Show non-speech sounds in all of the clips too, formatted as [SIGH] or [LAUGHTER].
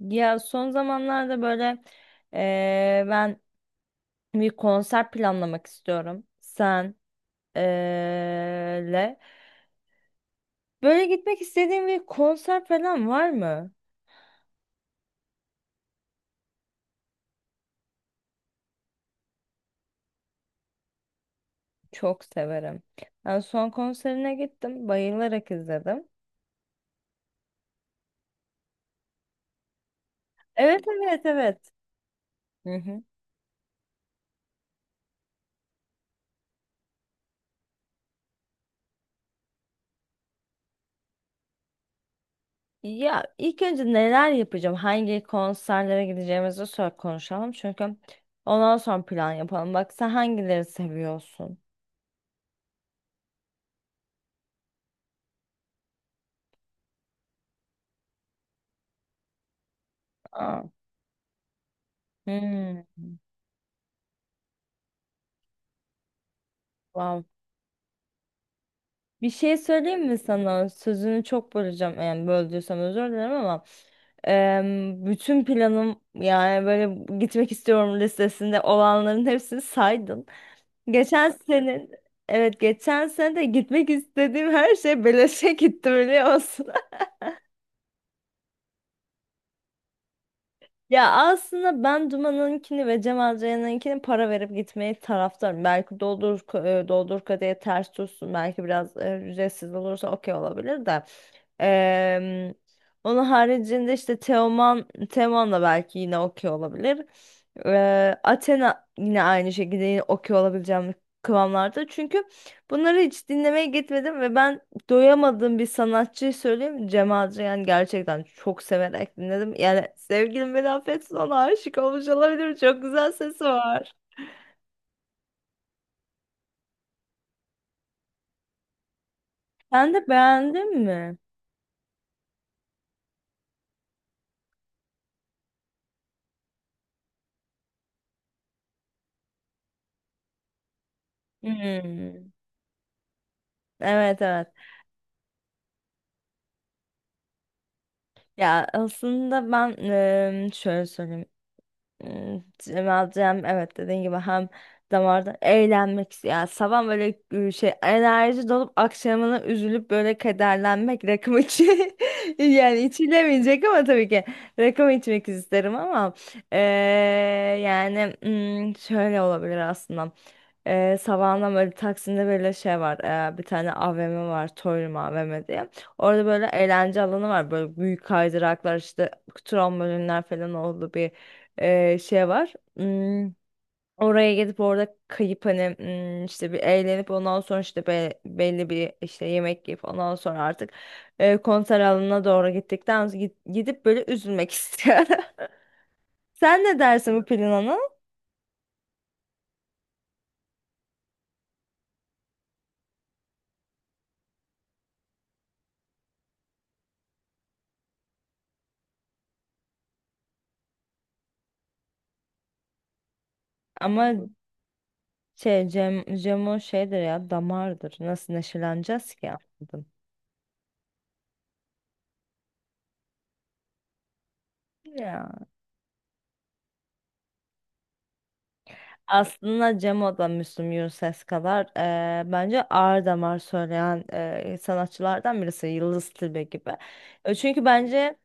Ya son zamanlarda böyle ben bir konser planlamak istiyorum. Sen eee, le. Böyle gitmek istediğin bir konser falan var mı? Çok severim. Ben son konserine gittim. Bayılarak izledim. Evet, evet, evet. Hı hı. Ya ilk önce neler yapacağım? Hangi konserlere gideceğimizi sor konuşalım. Çünkü ondan sonra plan yapalım. Bak, sen hangileri seviyorsun? Aa. Hmm. Wow. Bir şey söyleyeyim mi sana? Sözünü çok böleceğim. Yani böldüysem özür dilerim ama bütün planım, yani böyle gitmek istiyorum listesinde olanların hepsini saydın. Geçen senin, evet, geçen sene de gitmek istediğim her şey beleşe gitti, biliyor musun? Ya aslında ben Duman'ınkini ve Cem Adrian'ınkini para verip gitmeyi taraftarım. Belki doldur kadeye ters tutsun. Belki biraz ücretsiz olursa okey olabilir de. Eee, onun haricinde işte Teoman da belki yine okey olabilir. Athena yine aynı şekilde yine okey olabileceğim kıvamlarda. Çünkü bunları hiç dinlemeye gitmedim ve ben doyamadığım bir sanatçıyı söyleyeyim mi? Cem Adrian gerçekten çok severek dinledim. Yani sevgilim beni affetsin, ona aşık olmuş olabilirim. Çok güzel sesi var. Sen de beğendin mi? Hmm. Evet, evet. Ya aslında ben şöyle söyleyeyim. Cemal Cem, evet, dediğin gibi hem damarda eğlenmek ya sabah böyle şey enerji dolup akşamına üzülüp böyle kederlenmek rakım içi [LAUGHS] yani içilemeyecek ama tabii ki rakım içmek isterim ama e, yani şöyle olabilir aslında sabahından böyle Taksim'de böyle şey var, bir tane AVM var, Torium AVM diye, orada böyle eğlence alanı var, böyle büyük kaydıraklar işte, trambolinler falan oldu bir şey var. Oraya gidip orada kayıp hani işte bir eğlenip ondan sonra işte belli bir işte yemek yiyip ondan sonra artık konser alanına doğru gittikten sonra gidip böyle üzülmek [LAUGHS] istiyorum. Sen ne dersin bu planına? Ama şey Cem, Cemo şeydir ya, damardır. Nasıl neşeleneceğiz ki? Anladım. Ya. Aslında Cemo da Müslüm Gürses kadar bence ağır damar söyleyen sanatçılardan birisi, Yıldız Tilbe gibi. Çünkü bence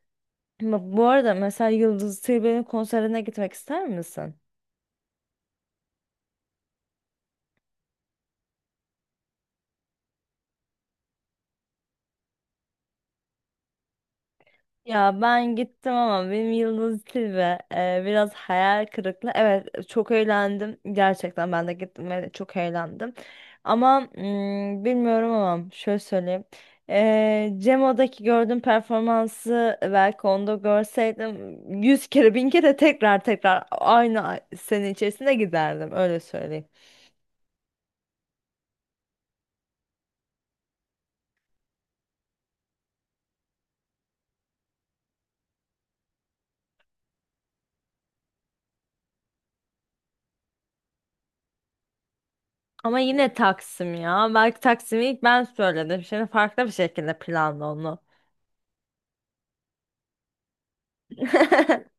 bu arada mesela Yıldız Tilbe'nin konserine gitmek ister misin? Ya ben gittim ama benim Yıldız Tilbe biraz hayal kırıklığı. Evet, çok eğlendim. Gerçekten ben de gittim ve çok eğlendim. Ama bilmiyorum ama şöyle söyleyeyim. Cemo'daki gördüğüm performansı belki onda görseydim yüz kere bin kere tekrar tekrar aynı sene içerisinde giderdim, öyle söyleyeyim. Ama yine Taksim ya. Belki Taksim'i ilk ben söyledim. Şimdi farklı bir şekilde planlı onu. [LAUGHS]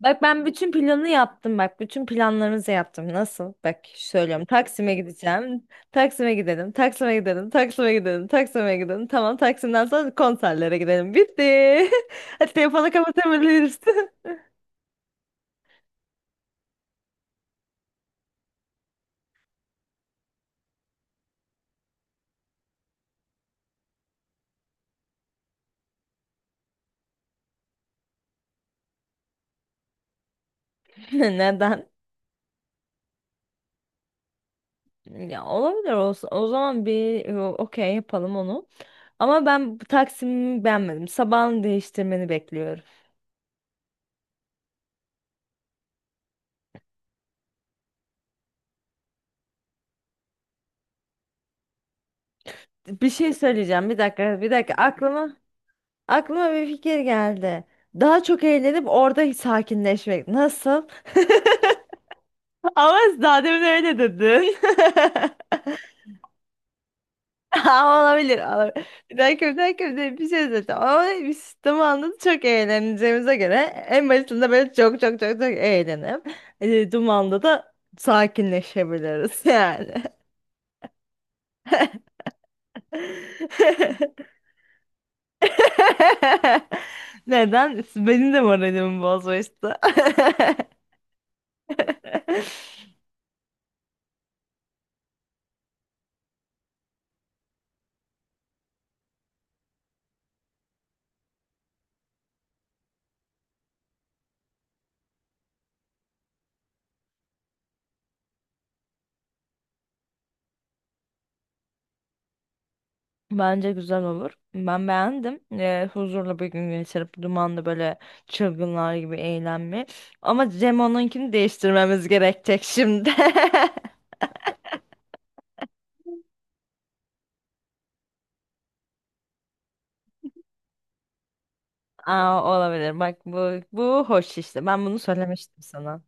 Bak ben bütün planı yaptım bak. Bütün planlarımızı yaptım. Nasıl? Bak söylüyorum. Taksim'e gideceğim. Taksim'e gidelim. Taksim'e gidelim. Taksim'e gidelim. Taksim'e gidelim. Tamam, Taksim'den sonra konserlere gidelim. Bitti. [LAUGHS] Hadi telefonu kapatabiliriz. [LAUGHS] Neden? Ya olabilir, olsun. O zaman bir okey yapalım onu. Ama ben bu Taksim'i beğenmedim. Sabahını değiştirmeni bekliyorum. Bir şey söyleyeceğim. Bir dakika, bir dakika. Aklıma Aklıma bir fikir geldi. Daha çok eğlenip orada sakinleşmek. Nasıl? [LAUGHS] Ama daha demin öyle dedin. [LAUGHS] Aa, olabilir, olabilir. Bir dakika, bir dakika, bir dakika, bir şey söyleyeceğim. Ama bir sistemi anladım. Çok eğleneceğimize göre en başında böyle çok çok çok çok eğlenip dumanda da sakinleşebiliriz yani. [LAUGHS] Neden? Benim de moralimi bozmuştu. [LAUGHS] Bence güzel olur. Ben beğendim. Huzurlu bir gün geçirip dumanlı böyle çılgınlar gibi eğlenme. Ama Cem onunkini değiştirmemiz gerekecek şimdi. [LAUGHS] Aa, olabilir. Bak bu hoş işte. Ben bunu söylemiştim sana.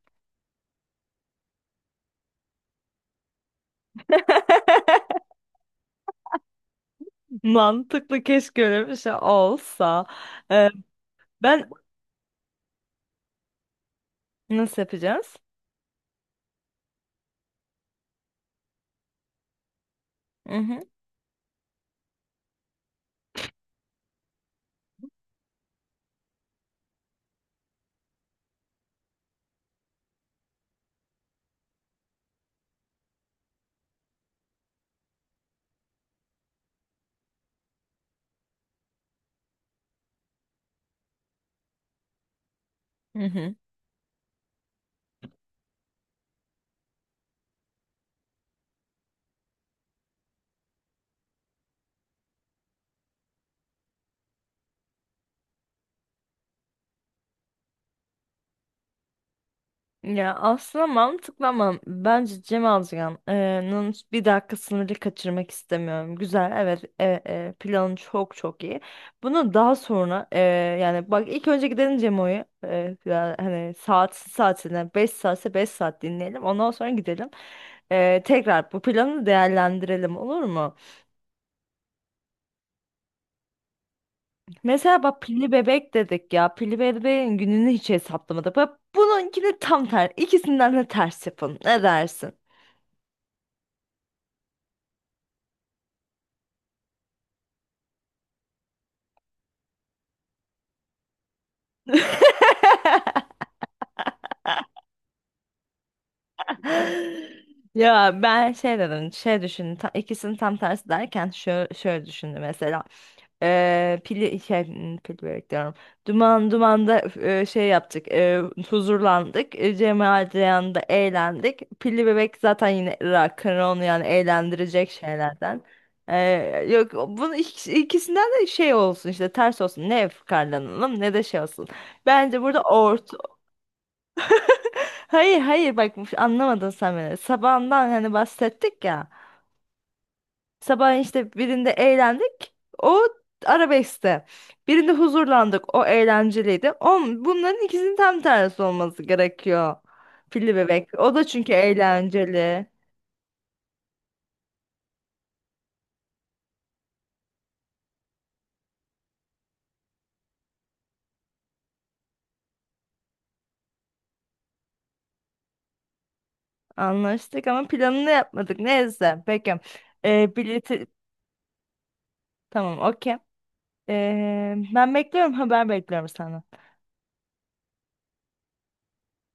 [LAUGHS] Mantıklı, keşke öyle bir şey olsa. Ee, ben nasıl yapacağız? Hı hı. Hı hı. Ya aslında mantıklı ama bence Cem Azcan'ın bir dakika sınırı kaçırmak istemiyorum. Güzel, evet, planı çok çok iyi. Bunu daha sonra yani bak ilk önce gidelim Cemo'yu ya hani saat saatine 5 saatse 5 saat dinleyelim. Ondan sonra gidelim. Tekrar bu planı değerlendirelim, olur mu? Mesela bak pilli bebek dedik ya. Pilli bebeğin gününü hiç hesaplamadık. Bak, bununkini tam ter ikisinden de ters yapın. Ne dersin? [LAUGHS] Ya ben şey dedim, şey düşündüm. Ta- ikisinin tam tersi derken şöyle, şöyle düşündüm mesela. Pili şey pil börek diyorum. Duman dumanda, şey yaptık. Huzurlandık. Cemal Ceyhan'da eğlendik. Pilli bebek zaten yine rock and roll, yani eğlendirecek şeylerden. Yok, bunun ikisinden de şey olsun işte, ters olsun. Ne fıkarlanalım ne de şey olsun. Bence burada. Hayır, hayır, bak, anlamadın sen beni. Sabahından hani bahsettik ya. Sabah işte birinde eğlendik. O arabeskte. Birinde huzurlandık. O eğlenceliydi. O, bunların ikisinin tam tersi olması gerekiyor. Pilli bebek. O da çünkü eğlenceli. Anlaştık ama planını yapmadık. Neyse. Peki. Bileti... Tamam, okey. Ben bekliyorum. Haber bekliyorum senden.